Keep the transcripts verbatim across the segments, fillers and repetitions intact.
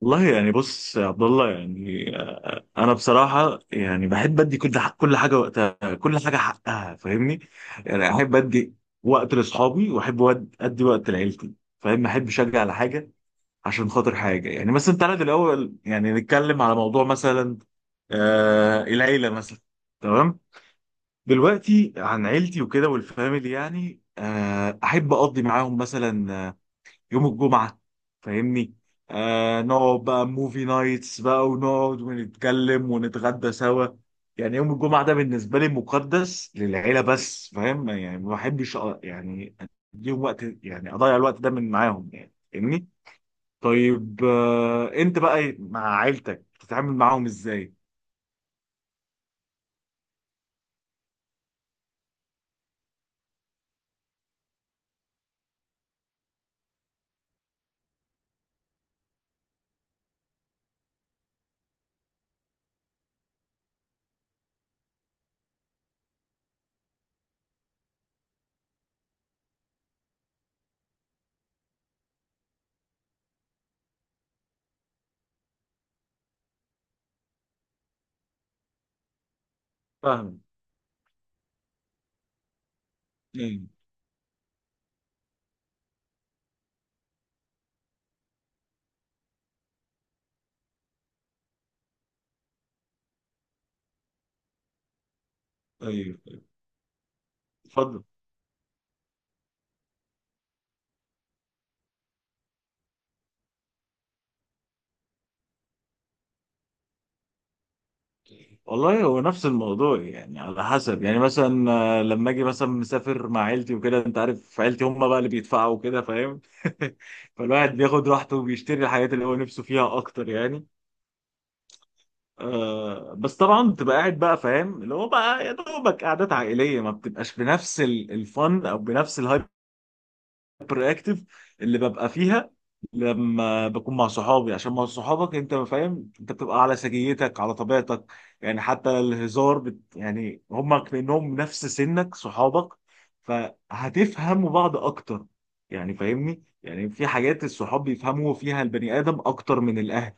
والله يعني، بص يا عبد الله. يعني انا بصراحه يعني بحب ادي كل ح- كل حاجه وقتها، كل حاجه حقها. فاهمني؟ يعني احب ادي وقت لاصحابي، واحب ود- ادي وقت لعيلتي. فاهم؟ احب اشجع على حاجه عشان خاطر حاجه. يعني مثلا تعالى الاول يعني نتكلم على موضوع مثلا، آه العيله مثلا، تمام؟ دلوقتي عن عيلتي وكده والفاميلي، يعني آه احب اقضي معاهم مثلا يوم الجمعة. فاهمني؟ آه نقعد بقى موفي نايتس بقى ونقعد ونتكلم ونتغدى سوا. يعني يوم الجمعة ده بالنسبة لي مقدس للعيلة بس. فاهم؟ يعني ما بحبش أ- يعني اديهم وقت، يعني اضيع الوقت ده من معاهم يعني. فاهمني؟ طيب آه انت بقى مع عيلتك بتتعامل معاهم ازاي؟ فاهم. ايوه، ايوه، أيوة. اتفضل. والله هو نفس الموضوع يعني على حسب يعني مثلا. آه، لما اجي مثلا مسافر مع عيلتي وكده، انت عارف عيلتي هم بقى اللي بيدفعوا وكده فاهم؟ فالواحد بياخد راحته وبيشتري الحاجات اللي هو نفسه فيها اكتر يعني. آه بس طبعا بتبقى قاعد بقى فاهم، اللي هو بقى يا دوبك قعدات عائليه، ما بتبقاش بنفس ال- الفن او بنفس الهايبر اكتف اللي ببقى فيها لما بكون مع صحابي. عشان مع صحابك انت فاهم، انت بتبقى على سجيتك، على طبيعتك. يعني حتى الهزار بت... يعني هم كأنهم نفس سنك صحابك، فهتفهموا بعض اكتر. يعني فاهمني؟ يعني في حاجات الصحاب بيفهموا فيها البني آدم اكتر من الاهل.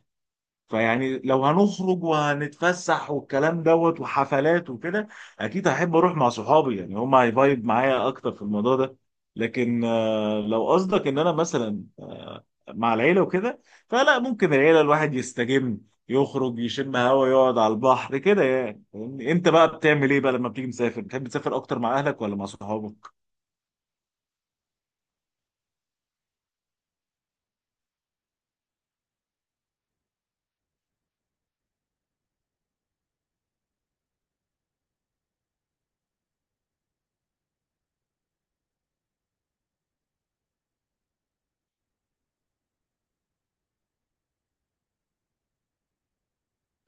فيعني لو هنخرج وهنتفسح والكلام دوت وحفلات وكده، اكيد هحب اروح مع صحابي يعني، هم هيفايب معايا اكتر في الموضوع ده. لكن آه، لو قصدك ان انا مثلا آه، مع العيله وكده، فلا، ممكن العيله الواحد يستجم، يخرج، يشم هوا، يقعد على البحر كده يعني. فاهمني؟ انت بقى بتعمل ايه بقى لما بتيجي مسافر؟ بتحب تسافر اكتر مع اهلك ولا مع صحابك؟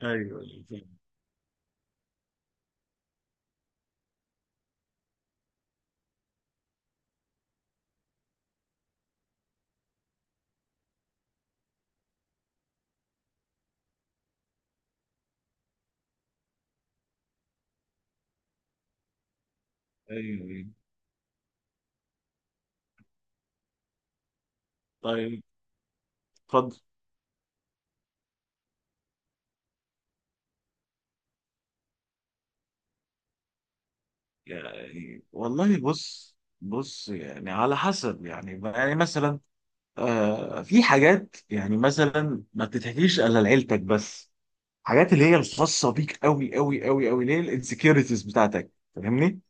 ايوه، ايوه، ايوه. طيب اتفضل. يعني والله بص. بص يعني على حسب. يعني يعني مثلا آه في حاجات، يعني مثلا ما بتتحكيش الا لعيلتك بس، حاجات اللي هي الخاصه بيك قوي قوي قوي قوي، اللي هي الانسكيورتيز بتاعتك. فاهمني؟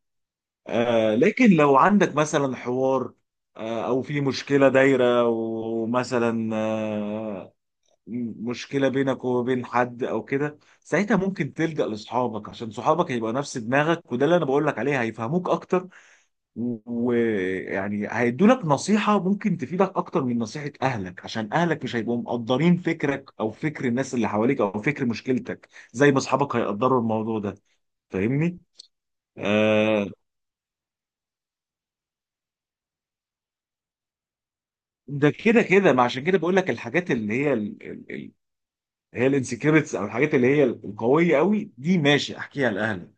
آه لكن لو عندك مثلا حوار، آه او في مشكله دايره ومثلا آه م- مشكله بينك وبين حد او كده، ساعتها ممكن تلجأ لاصحابك عشان صحابك هيبقى نفس دماغك. وده اللي انا بقول لك عليه، هيفهموك اكتر ويعني هيدولك نصيحة ممكن تفيدك أكتر من نصيحة أهلك، عشان أهلك مش هيبقوا مقدرين فكرك أو فكر الناس اللي حواليك أو فكر مشكلتك زي ما أصحابك هيقدروا الموضوع ده. فاهمني؟ آه ده كده كده، ما عشان كده بقول لك الحاجات اللي هي ال ال ال هي الانسكريبتس، أو الحاجات اللي هي القوية قوي دي، ماشي أحكيها لأهلك.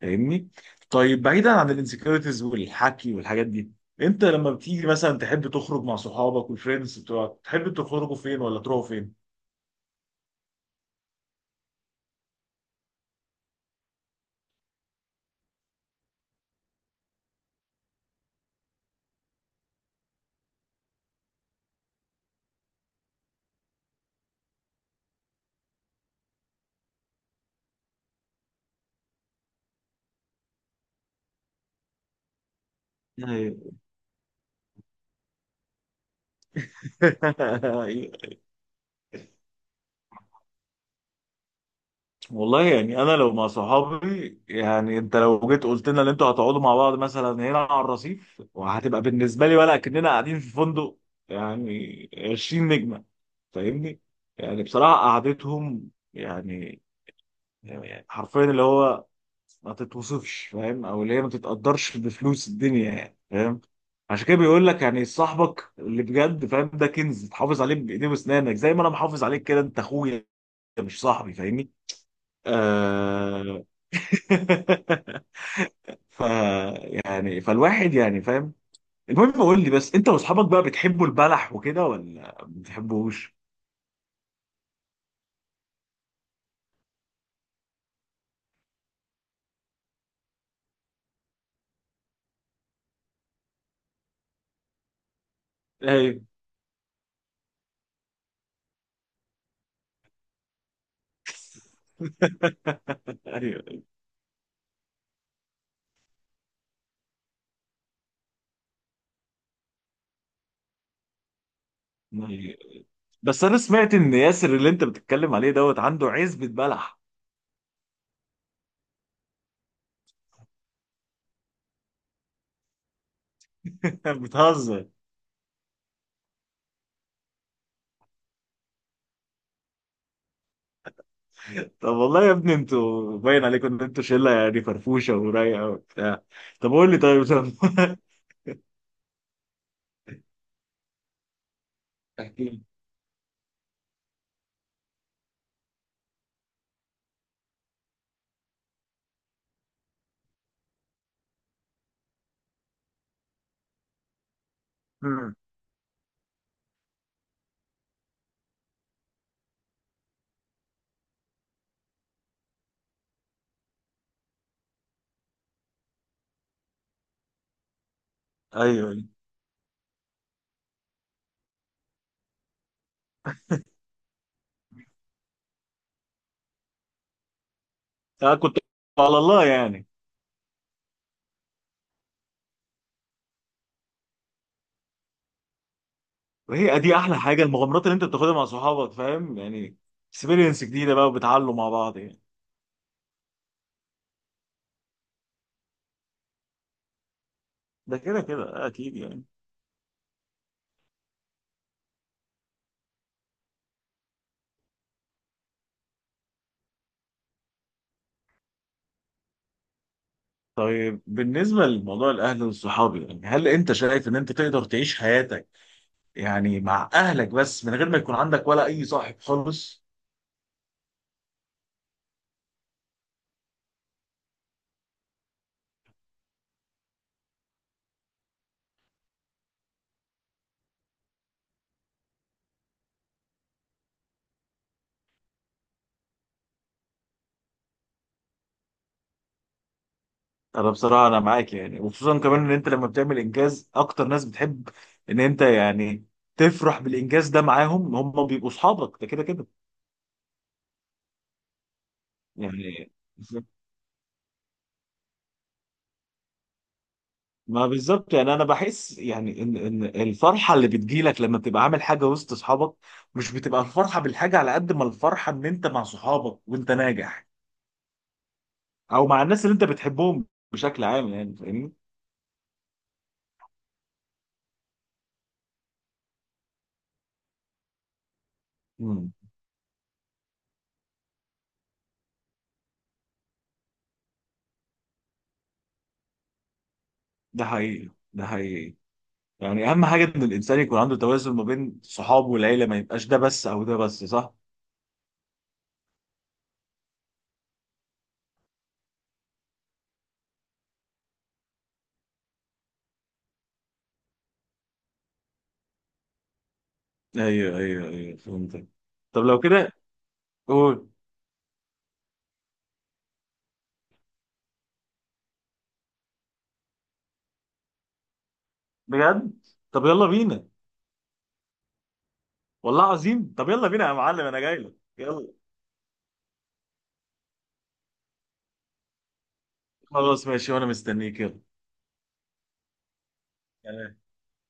فاهمني؟ طيب بعيدا عن الانسكريبتس والحكي والحاجات دي، انت لما بتيجي مثلا تحب تخرج مع صحابك والفريندز بتوعك، تحب تخرجوا فين ولا تروحوا فين؟ أيوة. والله يعني انا لو مع صحابي يعني، انت لو جيت قلت لنا ان انتوا هتقعدوا مع بعض مثلا هنا على الرصيف، وهتبقى بالنسبه لي ولا كأننا قاعدين في فندق يعني عشرين نجمة نجمه. فاهمني؟ يعني بصراحه قعدتهم يعني، يعني حرفيا اللي هو ما تتوصفش فاهم، او اللي هي ما تتقدرش بفلوس الدنيا يعني فاهم. عشان كده بيقول لك يعني صاحبك اللي بجد فاهم، ده كنز، تحافظ عليه بايديه واسنانك زي ما انا محافظ عليك كده. انت اخويا مش صاحبي فاهمني. آه... ف يعني فالواحد يعني فاهم. المهم قول لي بس، انت واصحابك بقى بتحبوا البلح وكده ولا ما بتحبوش؟ ايوه. ايوه، أيوة. بس انا سمعت ان ياسر اللي انت بتتكلم عليه دوت عنده عزبة بلح. بتهزر. طب والله يا ابني، انتوا باين عليكم ان انتوا شله يعني، فرفوشه ورايقه وبتاع. طب قول لي، طيب. طب احكي لي. مم. ايوه، ايوه. آه، كنت على الله يعني. وهي دي احلى حاجه، المغامرات اللي انت بتاخدها مع صحابك فاهم يعني، اكسبيرينس جديده بقى وبتعلوا مع بعض يعني. ده كده كده اكيد يعني. طيب بالنسبه لموضوع الاهل والصحاب، يعني هل انت شايف ان انت تقدر تعيش حياتك يعني مع اهلك بس، من غير ما يكون عندك ولا اي صاحب خالص؟ انا بصراحه انا معاك يعني، وخصوصا كمان ان انت لما بتعمل انجاز، اكتر ناس بتحب ان انت يعني تفرح بالانجاز ده معاهم هم بيبقوا صحابك، ده كده كده يعني. ما بالظبط يعني. انا بحس يعني ان ان الفرحه اللي بتجيلك لما بتبقى عامل حاجه وسط اصحابك، مش بتبقى الفرحه بالحاجه على قد ما الفرحه ان انت مع صحابك وانت ناجح، او مع الناس اللي انت بتحبهم بشكل عام يعني. فاهمني؟ امم. ده حقيقي، ده حقيقي. يعني اهم حاجه ان الانسان يكون عنده توازن ما بين صحابه والعيله، ما يبقاش ده بس او ده بس، صح؟ ايوه، ايوه، ايوه فهمتك. طب لو كده قول بجد. طب يلا بينا. والله عظيم، طب يلا بينا يا معلم، انا جاي لك يلا. خلاص ماشي وانا مستنيك يلا. سلام.